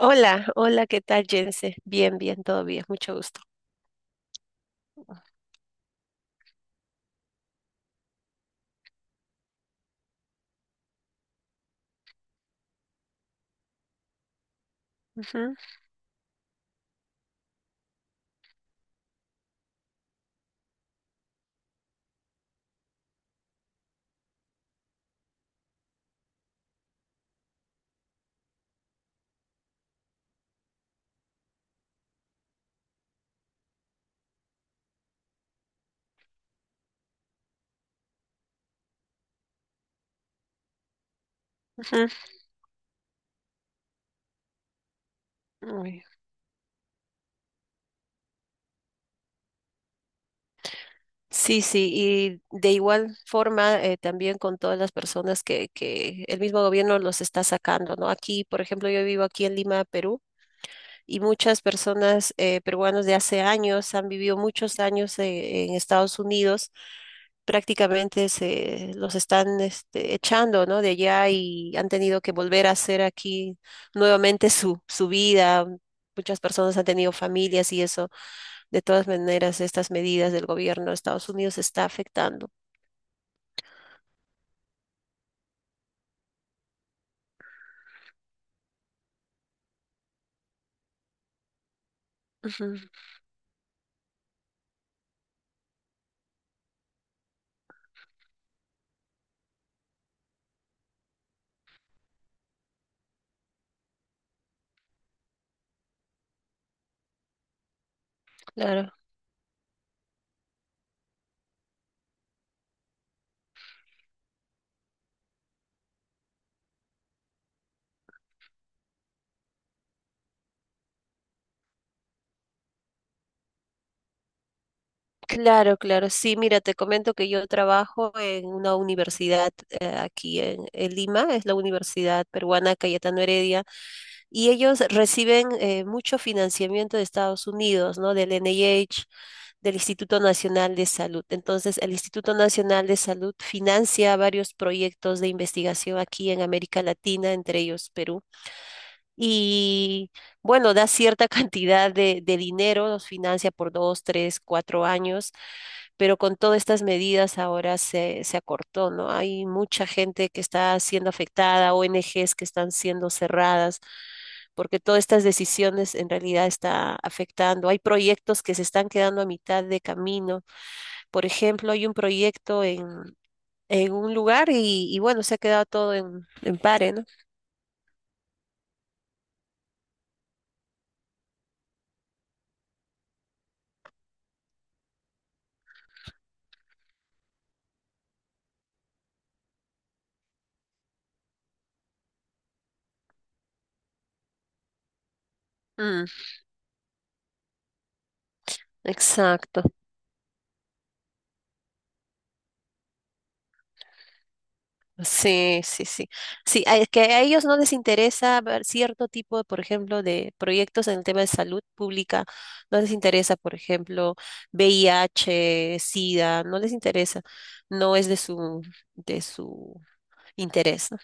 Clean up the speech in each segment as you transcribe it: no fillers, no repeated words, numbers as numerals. Hola, hola, ¿qué tal, Jense? Bien, todo bien, mucho gusto. Ujú, ujú. Uy. Sí, sí, y de igual forma también con todas las personas que el mismo gobierno los está sacando, ¿no? Aquí, por ejemplo, yo vivo aquí en Lima, Perú, y muchas personas peruanos de hace años han vivido muchos años en Estados Unidos, prácticamente se los están este, echando, ¿no? De allá y han tenido que volver a hacer aquí nuevamente su vida. Muchas personas han tenido familias y eso, de todas maneras, estas medidas del gobierno de Estados Unidos está afectando. Ujú, claro. Claro, claro. Sí, mira, te comento que yo trabajo en una universidad aquí en Lima, es la Universidad Peruana Cayetano Heredia, y ellos reciben mucho financiamiento de Estados Unidos, ¿no? Del NIH, del Instituto Nacional de Salud. Entonces, el Instituto Nacional de Salud financia varios proyectos de investigación aquí en América Latina, entre ellos Perú. Y bueno, da cierta cantidad de dinero, nos financia por dos, tres, cuatro años, pero con todas estas medidas ahora se acortó, ¿no? Hay mucha gente que está siendo afectada, ONGs que están siendo cerradas, porque todas estas decisiones en realidad está afectando. Hay proyectos que se están quedando a mitad de camino. Por ejemplo, hay un proyecto en un lugar y bueno, se ha quedado todo en pare, ¿no? Mm, exacto. Sí, sí, sí. Sí, es que a ellos no les interesa ver cierto tipo, por ejemplo, de proyectos en el tema de salud pública. No les interesa, por ejemplo, VIH, SIDA, no les interesa. No es de su interés, ¿no?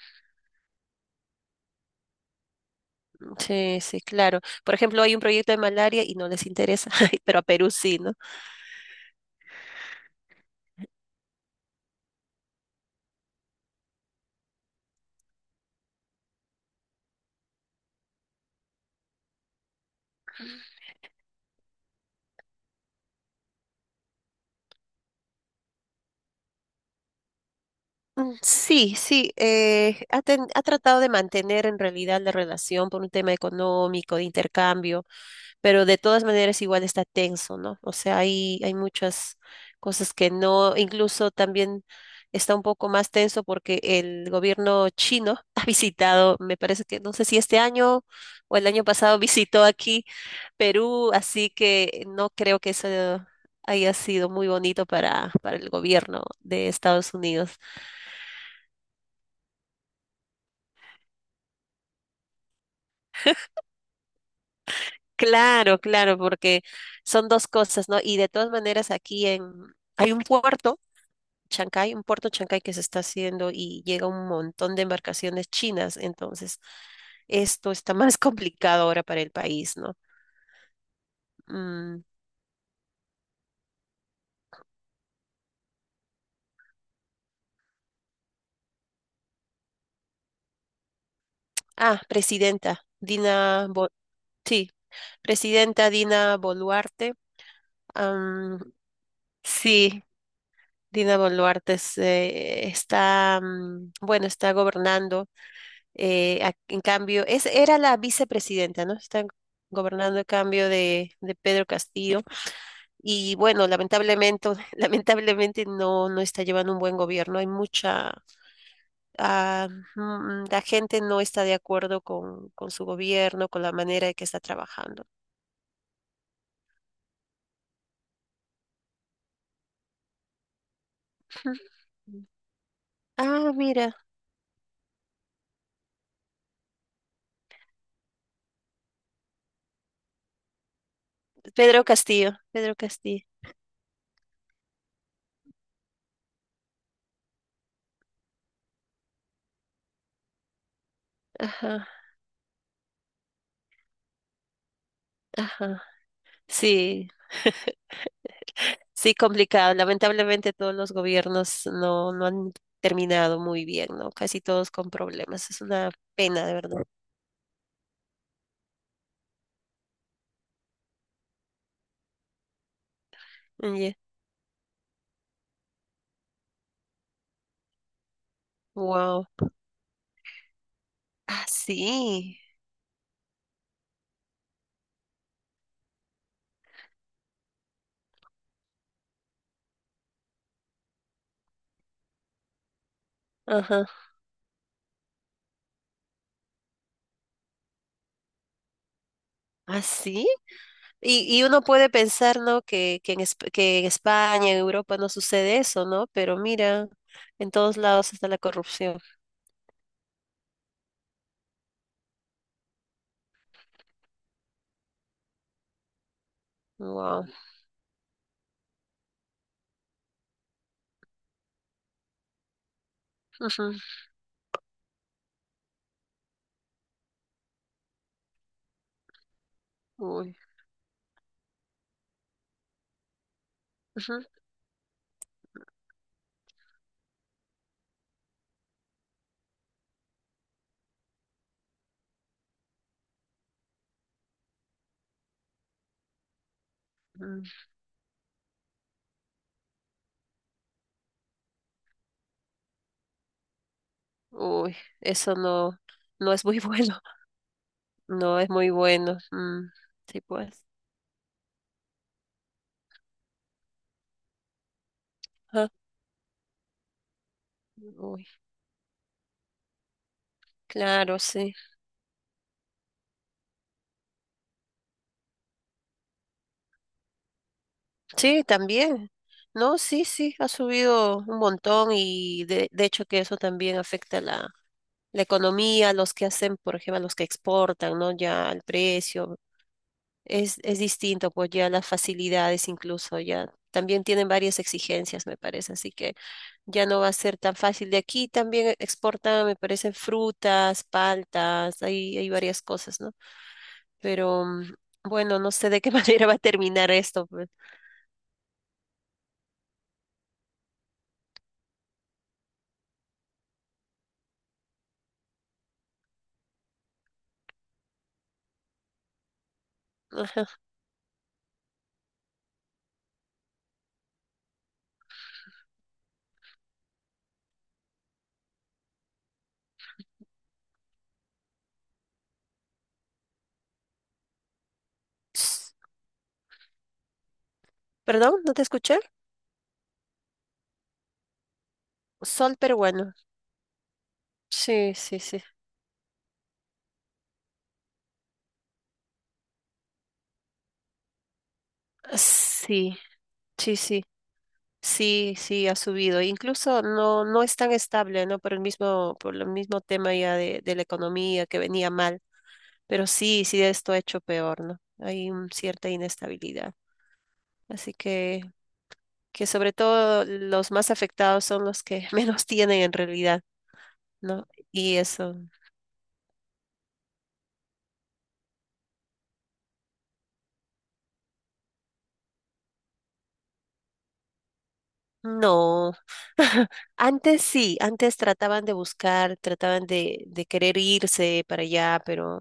Sí, sí, claro. Por ejemplo, hay un proyecto de malaria y no les interesa, pero a Perú sí, ¿no? Mm, sí, sí, ha tratado de mantener en realidad la relación por un tema económico, de intercambio, pero de todas maneras igual está tenso, ¿no? O sea, hay muchas cosas que no, incluso también está un poco más tenso porque el gobierno chino ha visitado, me parece que no sé si este año o el año pasado visitó aquí Perú, así que no creo que eso haya sido muy bonito para el gobierno de Estados Unidos. Claro, claro, porque son dos cosas, ¿no? Y de todas maneras hay un puerto Chancay que se está haciendo y llega un montón de embarcaciones chinas, entonces esto está más complicado ahora para el país, ¿no? Mm, ah, presidenta sí, presidenta Dina Boluarte. Am, sí, Dina Boluarte está, mm, bueno, está gobernando. En cambio, es, era la vicepresidenta, ¿no? Está gobernando a cambio de Pedro Castillo. Y bueno, lamentablemente, lamentablemente no, no está llevando un buen gobierno. Hay mucha, ah, mm, La gente no está de acuerdo con su gobierno, con la manera en que está trabajando. Ah, mira, Pedro Castillo, Pedro Castillo. Ajá, ajá. Sí, sí, complicado. Lamentablemente todos los gobiernos no han terminado muy bien, ¿no? Casi todos con problemas. Es una pena, de verdad. Wow. Ah, sí. Ajá. Ah sí, y, uno puede pensar, ¿no? Que en España, en Europa no sucede eso, ¿no? Pero mira, en todos lados está la corrupción. Wow. Uy, ujú, mm, uy, eso no, no es muy bueno. No es muy bueno. Mm, sí, pues. Ajá. Uy, claro, sí. Sí, también. No, sí, sí, ha subido un montón y de hecho que eso también afecta la economía, los que hacen, por ejemplo, los que exportan, ¿no? Ya el precio es distinto, pues ya las facilidades incluso ya también tienen varias exigencias, me parece, así que ya no va a ser tan fácil. De aquí también exportan, me parece, frutas, paltas, hay varias cosas, ¿no? Pero mm, bueno, no sé de qué manera va a terminar esto, pues. Ajá. Ps, perdón, no te escuché. Sol peruano. Sí, sí, sí. Sí, sí, sí. Sí, sí, ha subido. Incluso no, no es tan estable, ¿no? Por el mismo tema ya de la economía que venía mal. Pero sí, sí, esto ha hecho peor, ¿no? Cierta inestabilidad. Así que sobre todo los más afectados son los que menos tienen en realidad, ¿no? Y eso no, antes sí, antes trataban de buscar, trataban de querer irse para allá, pero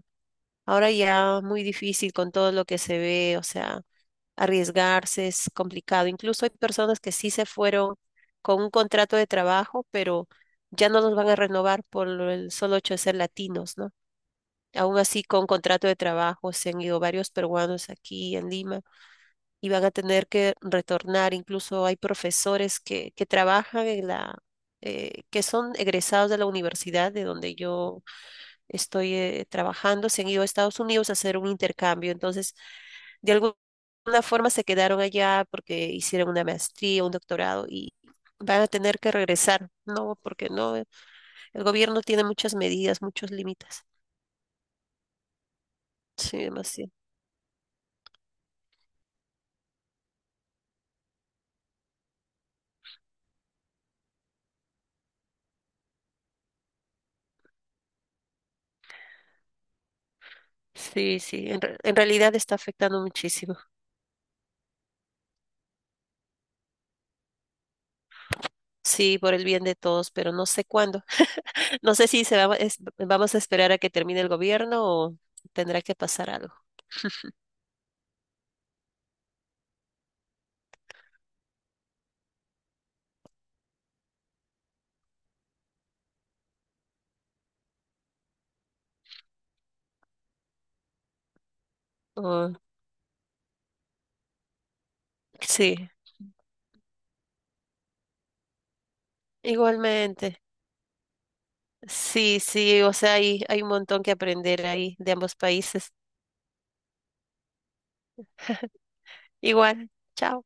ahora ya muy difícil con todo lo que se ve, o sea, arriesgarse es complicado. Incluso hay personas que sí se fueron con un contrato de trabajo, pero ya no los van a renovar por el solo hecho de ser latinos, ¿no? Aún así, con contrato de trabajo se han ido varios peruanos aquí en Lima y van a tener que retornar. Incluso hay profesores que trabajan en que son egresados de la universidad de donde yo estoy trabajando, se han ido a Estados Unidos a hacer un intercambio. Entonces, de alguna forma se quedaron allá porque hicieron una maestría, un doctorado y van a tener que regresar, ¿no? Porque no, el gobierno tiene muchas medidas, muchos límites. Sí, demasiado. Sí, sí, en realidad está afectando muchísimo. Sí, por el bien de todos, pero no sé cuándo. No sé si vamos a esperar a que termine el gobierno o tendrá que pasar algo. Oh, sí, igualmente. Sí, sí, o sea, hay un montón que aprender ahí de ambos países. Igual, chao.